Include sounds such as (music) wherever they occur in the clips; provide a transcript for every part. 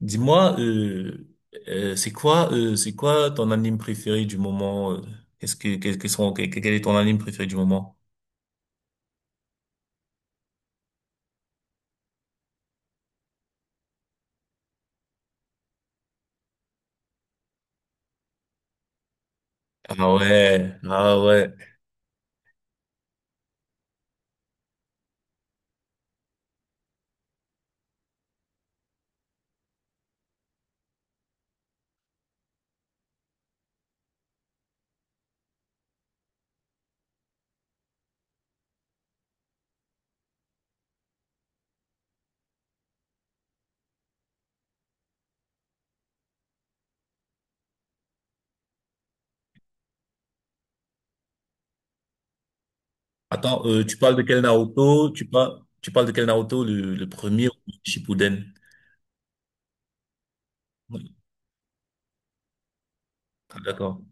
Dis-moi, c'est quoi ton anime préféré du moment? Qu'est-ce que, quels que sont, quel, quel est ton anime préféré du moment? Ah ouais, ah ouais. Attends, tu parles de quel Naruto? Tu parles de quel Naruto? Le premier ou le Shippuden? Ah, d'accord.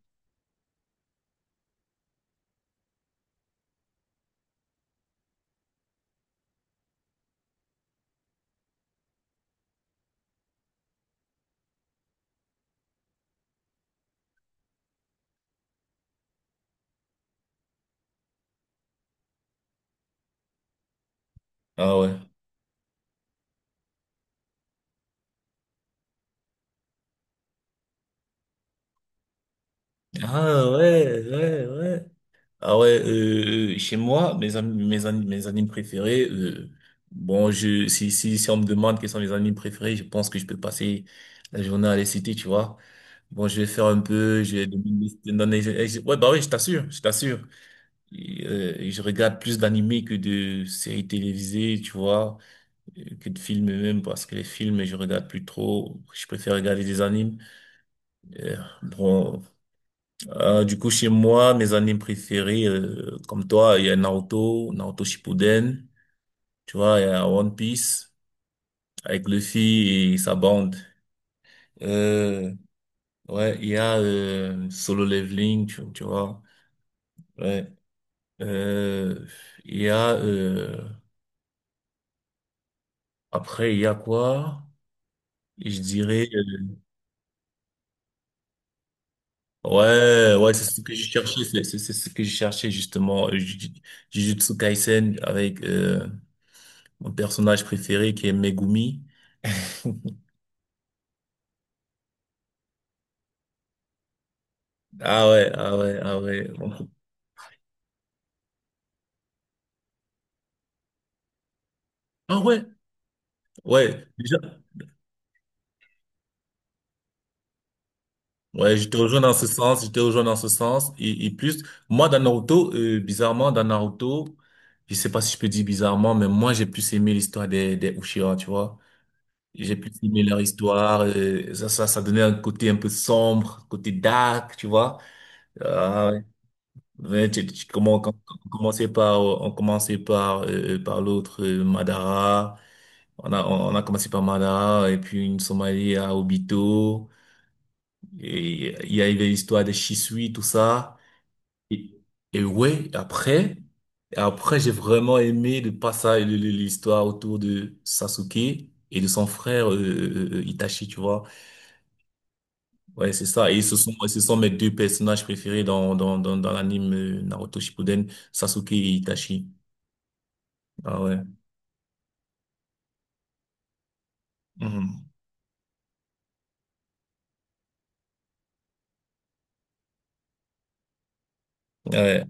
Ah ouais. Ah ouais, ouais, ouais. Ah ouais, chez moi, mes animes préférés, bon, si on me demande quels sont mes animes préférés, je pense que je peux passer la journée à les citer, tu vois. Bon, je vais faire un peu, je vais donner, ouais, bah oui, je t'assure. Et, je regarde plus d'animés que de séries télévisées, tu vois, que de films même, parce que les films, je regarde plus trop. Je préfère regarder des animes. Euh, bon, du coup, chez moi, mes animes préférés, comme toi, il y a Naruto, Naruto Shippuden, tu vois, il y a One Piece avec Luffy et sa bande. Euh, ouais, il y a Solo Leveling, tu vois. Ouais. Euh, il y a après, il y a quoi? Je dirais ouais, ouais, c'est ce que je cherchais, c'est ce que je cherchais justement. Jujutsu Kaisen avec mon personnage préféré qui est Megumi. (laughs) Ah ouais, ah ouais, ah ouais. Ah ouais, ouais. Déjà, ouais, je te rejoins dans ce sens. Et plus, moi, dans Naruto, je sais pas si je peux dire bizarrement, mais moi, j'ai plus aimé l'histoire des Uchiha, tu vois. J'ai plus aimé leur histoire. Ça donnait un côté un peu sombre, côté dark, tu vois. Ah ouais. Ouais, comment, quand on commençait par, par l'autre, Madara. On a commencé par Madara, et puis une Somalie à Obito. Et il y avait l'histoire de Shisui, tout ça. Et, et ouais, après, après, j'ai vraiment aimé le passage, l'histoire autour de Sasuke et de son frère, Itachi, tu vois. Ouais, c'est ça. Et ce sont, ouais, ce sont mes deux personnages préférés dans l'anime Naruto Shippuden, Sasuke et Itachi. Ah ouais. Mhm. Ouais.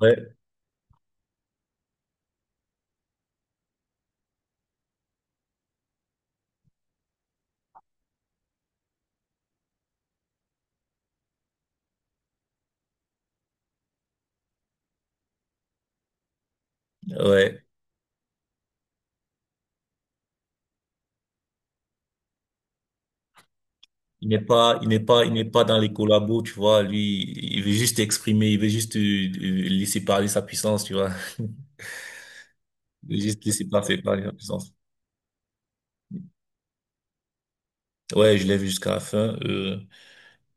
Ouais. Ouais. Il n'est pas dans les collabos, tu vois. Lui, il veut juste exprimer, il veut juste laisser parler sa puissance, tu vois. (laughs) Il veut juste laisser parler, parler sa puissance. Ouais, je l'ai vu jusqu'à la fin.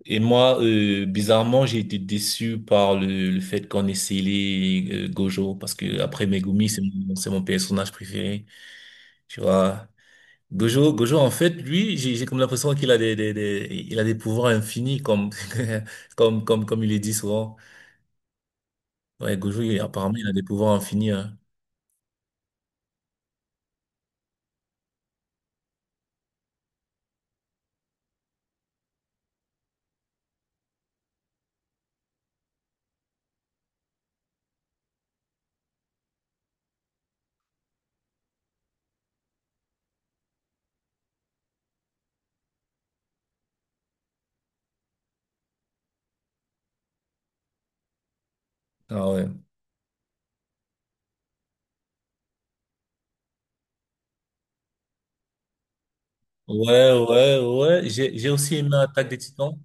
Et moi, bizarrement, j'ai été déçu par le fait qu'on ait scellé Gojo, parce que après Megumi, c'est mon personnage préféré, tu vois. Gojo, Gojo, en fait, lui, j'ai comme l'impression qu'il a il a des pouvoirs infinis, (laughs) comme il est dit souvent. Ouais, apparemment, il a des pouvoirs infinis, hein. Ah ouais. Ouais, ouais, ouais. J'ai aussi aimé Attaque des Titans.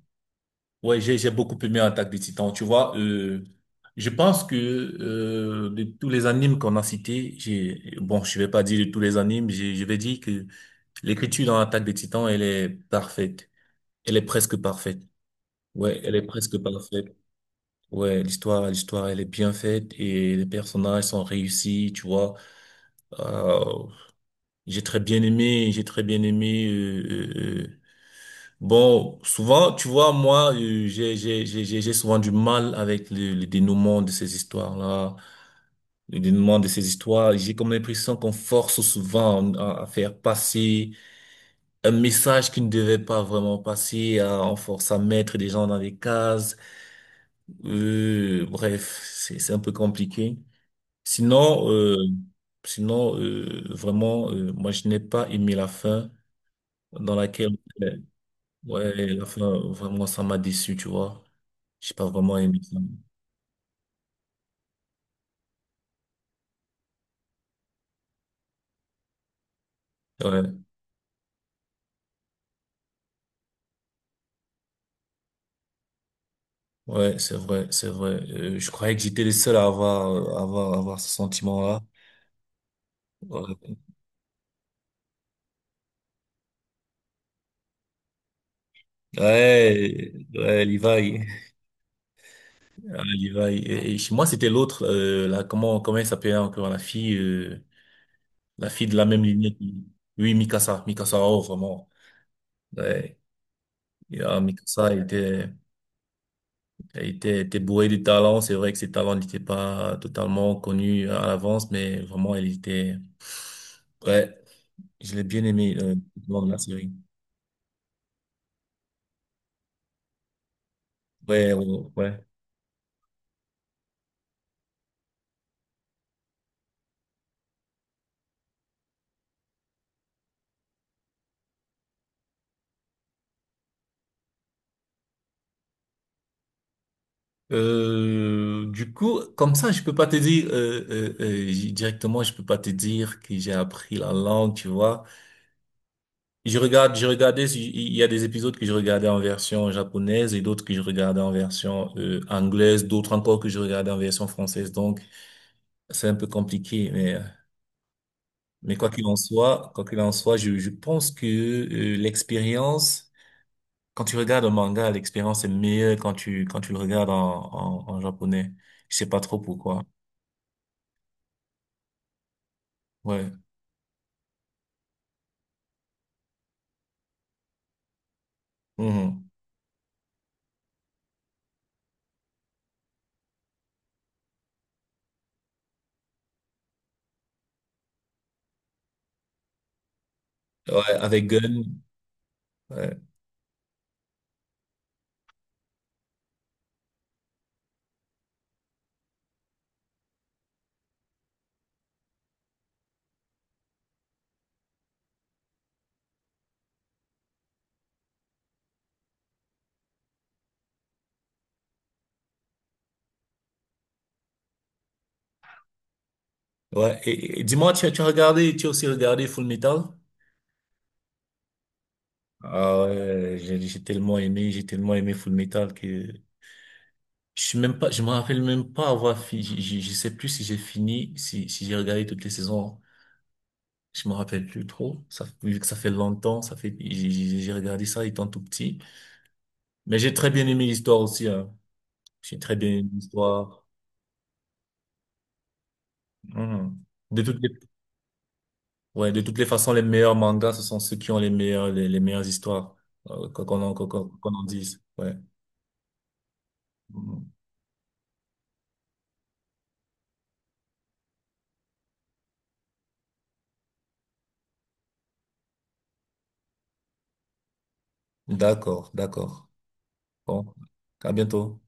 Ouais, j'ai beaucoup aimé Attaque des Titans. Tu vois, je pense que, de tous les animes qu'on a cités, je vais pas dire de tous les animes, je vais dire que l'écriture dans Attaque des Titans, elle est parfaite. Elle est presque parfaite. Ouais, elle est presque parfaite. Ouais, l'histoire, elle est bien faite et les personnages sont réussis, tu vois. Euh, j'ai très bien aimé, j'ai très bien aimé. Bon, souvent, tu vois, moi, j'ai souvent du mal avec le dénouement de ces histoires-là, le dénouement de ces histoires. J'ai comme l'impression qu'on force souvent à faire passer un message qui ne devait pas vraiment passer, à, on force à mettre des gens dans des cases. Bref, c'est un peu compliqué. Sinon, vraiment, moi, je n'ai pas aimé la fin dans laquelle, euh, ouais, la fin, vraiment, ça m'a déçu, tu vois. J'ai pas vraiment aimé ça. Ouais, ouais, c'est vrai, c'est vrai. Je croyais que j'étais le seul à avoir, avoir ce sentiment-là. Ouais, ouais, ouais, Levi. Ah, Levi. Et chez moi, c'était l'autre, là, comment elle s'appelait encore, la fille de la même lignée. Oui, Mikasa, Mikasa, oh, vraiment. Ouais, et, ah, était bourré de talent. C'est vrai que ses talents n'étaient pas totalement connus à l'avance, mais vraiment, ouais, je l'ai bien aimé, dans la série. Ouais, ouais, ouais. Du coup, comme ça, je peux pas te dire, directement, je peux pas te dire que j'ai appris la langue, tu vois. Je regardais, si, il y a des épisodes que je regardais en version japonaise et d'autres que je regardais en version, anglaise, d'autres encore que je regardais en version française. Donc, c'est un peu compliqué, mais quoi qu'il en soit, quoi qu'il en soit, je pense que l'expérience, quand tu regardes un manga, l'expérience est meilleure quand tu le regardes en, en japonais. Je sais pas trop pourquoi. Ouais. Mhm. Ouais, avec Gun. Ouais. Ouais. Et, et dis-moi, tu as regardé, tu as aussi regardé Full Metal? Ah ouais, j'ai tellement aimé Full Metal que je me rappelle même pas avoir fini, je sais plus si j'ai fini, si j'ai regardé toutes les saisons. Je me rappelle plus trop. Ça, vu que ça fait longtemps, ça fait, j'ai regardé ça étant tout petit. Mais j'ai très bien aimé l'histoire aussi, hein. J'ai très bien aimé l'histoire. Mhm. De toutes les, ouais, de toutes les façons, les meilleurs mangas, ce sont ceux qui ont les meilleurs, les meilleures histoires, qu'on en dise. Ouais. Mhm. D'accord, d'accord. Bon. À bientôt.